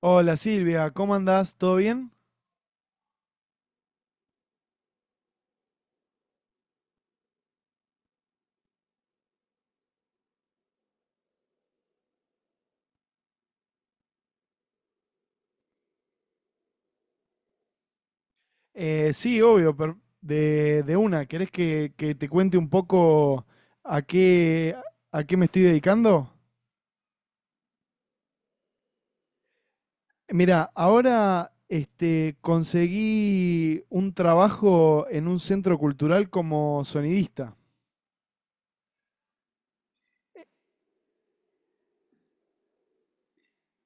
Hola Silvia, ¿cómo andás? ¿Todo bien? Sí, obvio, de una. ¿Querés que te cuente un poco a qué, a qué me estoy dedicando? Mira, ahora conseguí un trabajo en un centro cultural como sonidista.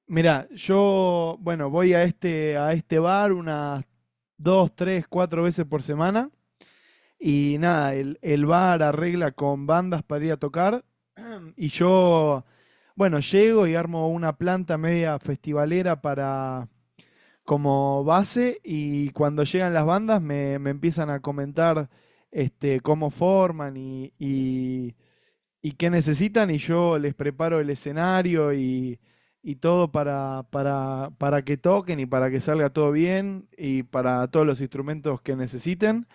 Mira, yo, bueno, voy a este bar unas dos, tres, cuatro veces por semana. Y nada, el bar arregla con bandas para ir a tocar. Y yo, bueno, llego y armo una planta media festivalera para como base y cuando llegan las bandas me empiezan a comentar cómo forman y qué necesitan y yo les preparo el escenario y todo para que toquen y para que salga todo bien y para todos los instrumentos que necesiten.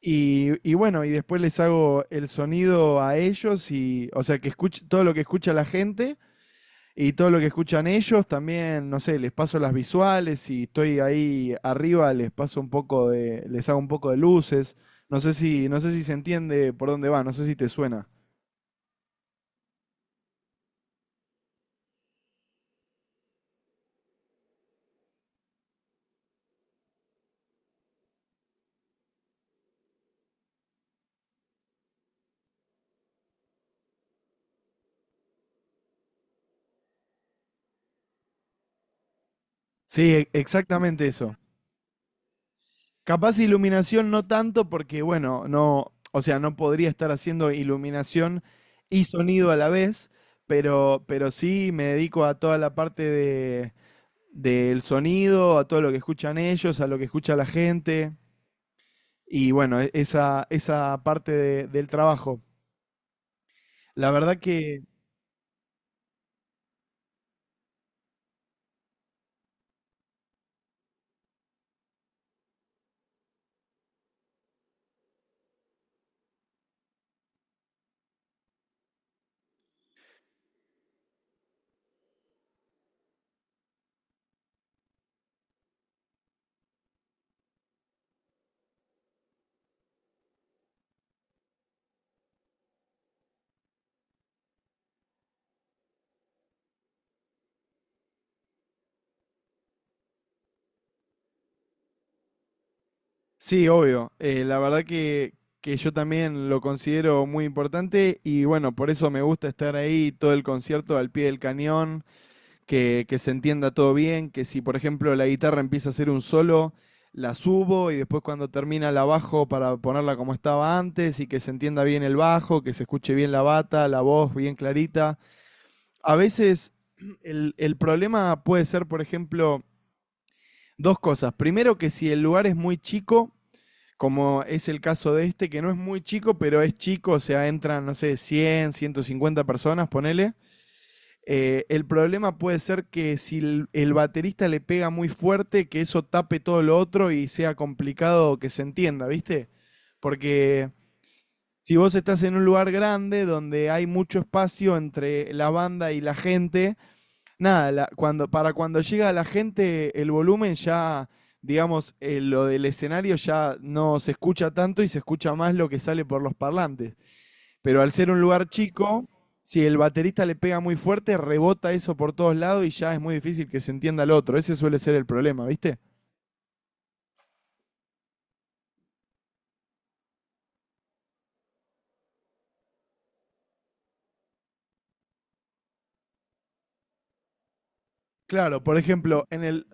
Y bueno, y después les hago el sonido a ellos y, o sea, que escuche todo lo que escucha la gente y todo lo que escuchan ellos, también, no sé, les paso las visuales y estoy ahí arriba, les hago un poco de luces. No sé si se entiende por dónde va, no sé si te suena. Sí, exactamente eso. Capaz iluminación no tanto porque, bueno, no, o sea, no podría estar haciendo iluminación y sonido a la vez, pero sí me dedico a toda la parte del sonido, a todo lo que escuchan ellos, a lo que escucha la gente y bueno, esa parte del trabajo. La verdad que, sí, obvio, la verdad que yo también lo considero muy importante y bueno, por eso me gusta estar ahí todo el concierto al pie del cañón que se entienda todo bien, que si por ejemplo la guitarra empieza a hacer un solo, la subo y después cuando termina la bajo para ponerla como estaba antes y que se entienda bien el bajo, que se escuche bien la bata, la voz bien clarita. A veces el problema puede ser, por ejemplo, dos cosas. Primero que si el lugar es muy chico, como es el caso de este, que no es muy chico, pero es chico, o sea, entran, no sé, 100 150 personas, ponele. El problema puede ser que si el baterista le pega muy fuerte, que eso tape todo lo otro y sea complicado que se entienda, ¿viste? Porque si vos estás en un lugar grande donde hay mucho espacio entre la banda y la gente, nada, cuando, para cuando llega la gente el volumen ya, digamos, lo del escenario ya no se escucha tanto y se escucha más lo que sale por los parlantes. Pero al ser un lugar chico, si el baterista le pega muy fuerte, rebota eso por todos lados y ya es muy difícil que se entienda al otro. Ese suele ser el problema, ¿viste? Claro, por ejemplo, en el.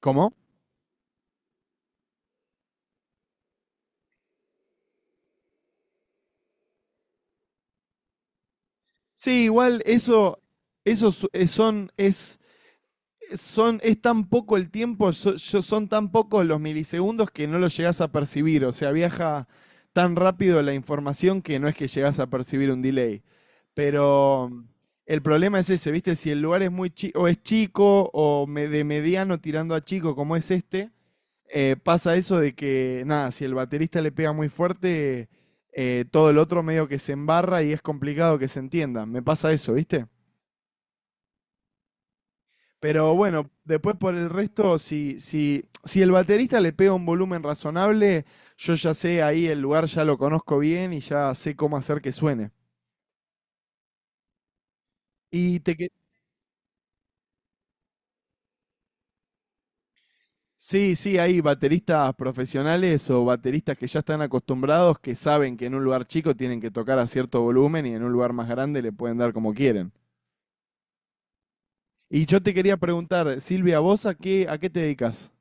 ¿Cómo? Sí, igual eso, eso su- eh, son, es es tan poco el tiempo, son tan pocos los milisegundos que no lo llegás a percibir. O sea, viaja tan rápido la información que no es que llegás a percibir un delay. Pero el problema es ese, ¿viste? Si el lugar es muy chico, o es chico, o de mediano tirando a chico, como es este, pasa eso de que, nada, si el baterista le pega muy fuerte, todo el otro medio que se embarra y es complicado que se entienda. Me pasa eso, ¿viste? Pero bueno, después por el resto, si el baterista le pega un volumen razonable, yo ya sé ahí el lugar, ya lo conozco bien y ya sé cómo hacer que suene. Y te que... Sí, sí, hay bateristas profesionales o bateristas que ya están acostumbrados, que saben que en un lugar chico tienen que tocar a cierto volumen y en un lugar más grande le pueden dar como quieren. Y yo te quería preguntar, Silvia, ¿vos a qué te dedicas?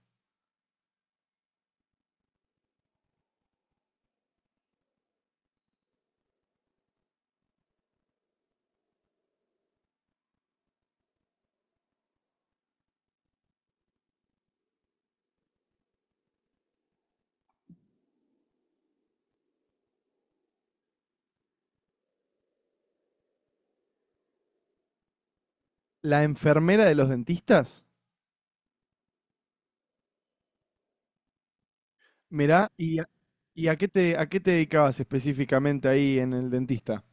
¿La enfermera de los dentistas? Mirá, a qué te dedicabas específicamente ahí en el dentista?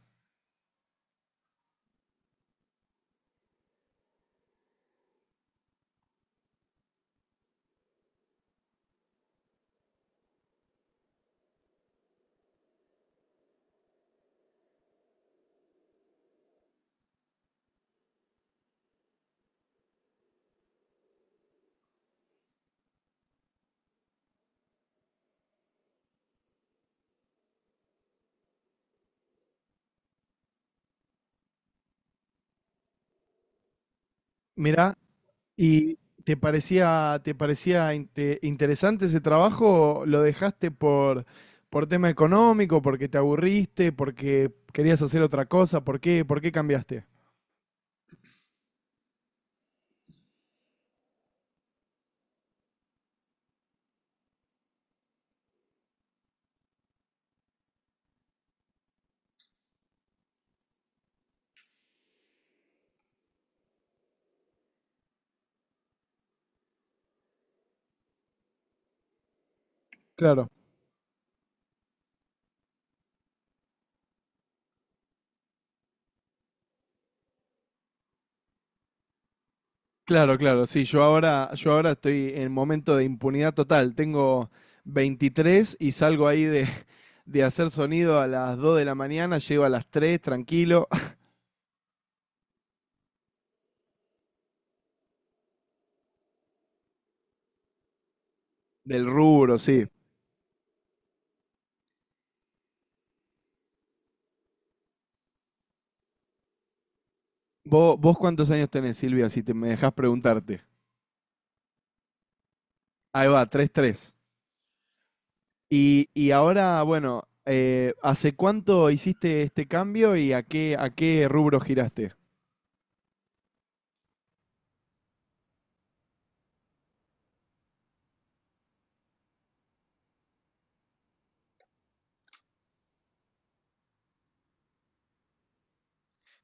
Mirá, ¿y te parecía interesante ese trabajo? ¿Lo dejaste por tema económico, porque te aburriste, porque querías hacer otra cosa? ¿Por qué cambiaste? Claro, claro, claro. Sí, yo ahora estoy en momento de impunidad total. Tengo 23 y salgo ahí de hacer sonido a las 2 de la mañana, llego a las 3 tranquilo. Del rubro, sí. Vos cuántos años tenés, Silvia, si te me dejás preguntarte. Ahí va, 33. Y ahora, bueno, ¿hace cuánto hiciste este cambio y a qué rubro giraste?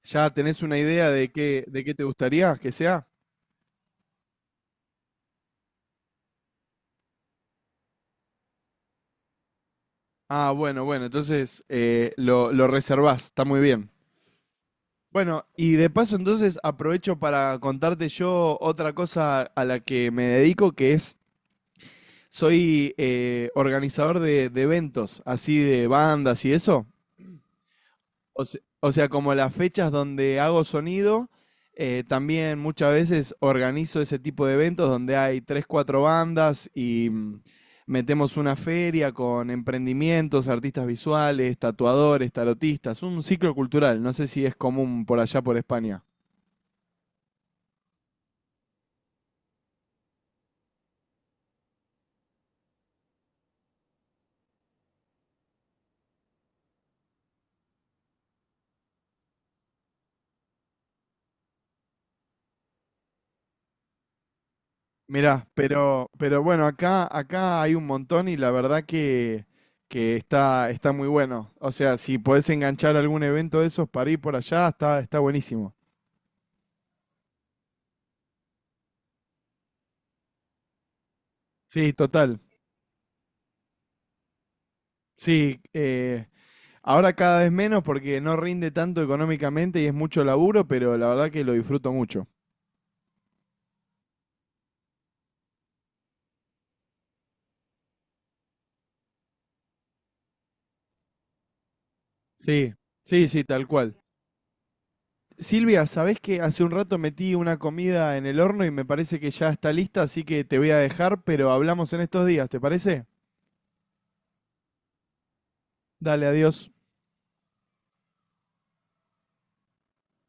¿Ya tenés una idea de qué te gustaría que sea? Ah, bueno, bueno, entonces lo reservás, está muy bien. Bueno, y de paso entonces aprovecho para contarte yo otra cosa a la que me dedico, soy organizador de eventos, así de bandas y eso. O sea, como las fechas donde hago sonido, también muchas veces organizo ese tipo de eventos donde hay tres, cuatro bandas y metemos una feria con emprendimientos, artistas visuales, tatuadores, tarotistas, un ciclo cultural. No sé si es común por allá por España. Mirá, pero bueno, acá hay un montón y la verdad que está muy bueno. O sea, si podés enganchar algún evento de esos para ir por allá, está buenísimo. Sí, total. Sí, ahora cada vez menos porque no rinde tanto económicamente y es mucho laburo, pero la verdad que lo disfruto mucho. Sí, sí, sí, tal cual. Silvia, ¿sabés que hace un rato metí una comida en el horno y me parece que ya está lista, así que te voy a dejar, pero hablamos en estos días, ¿te parece? Dale, adiós.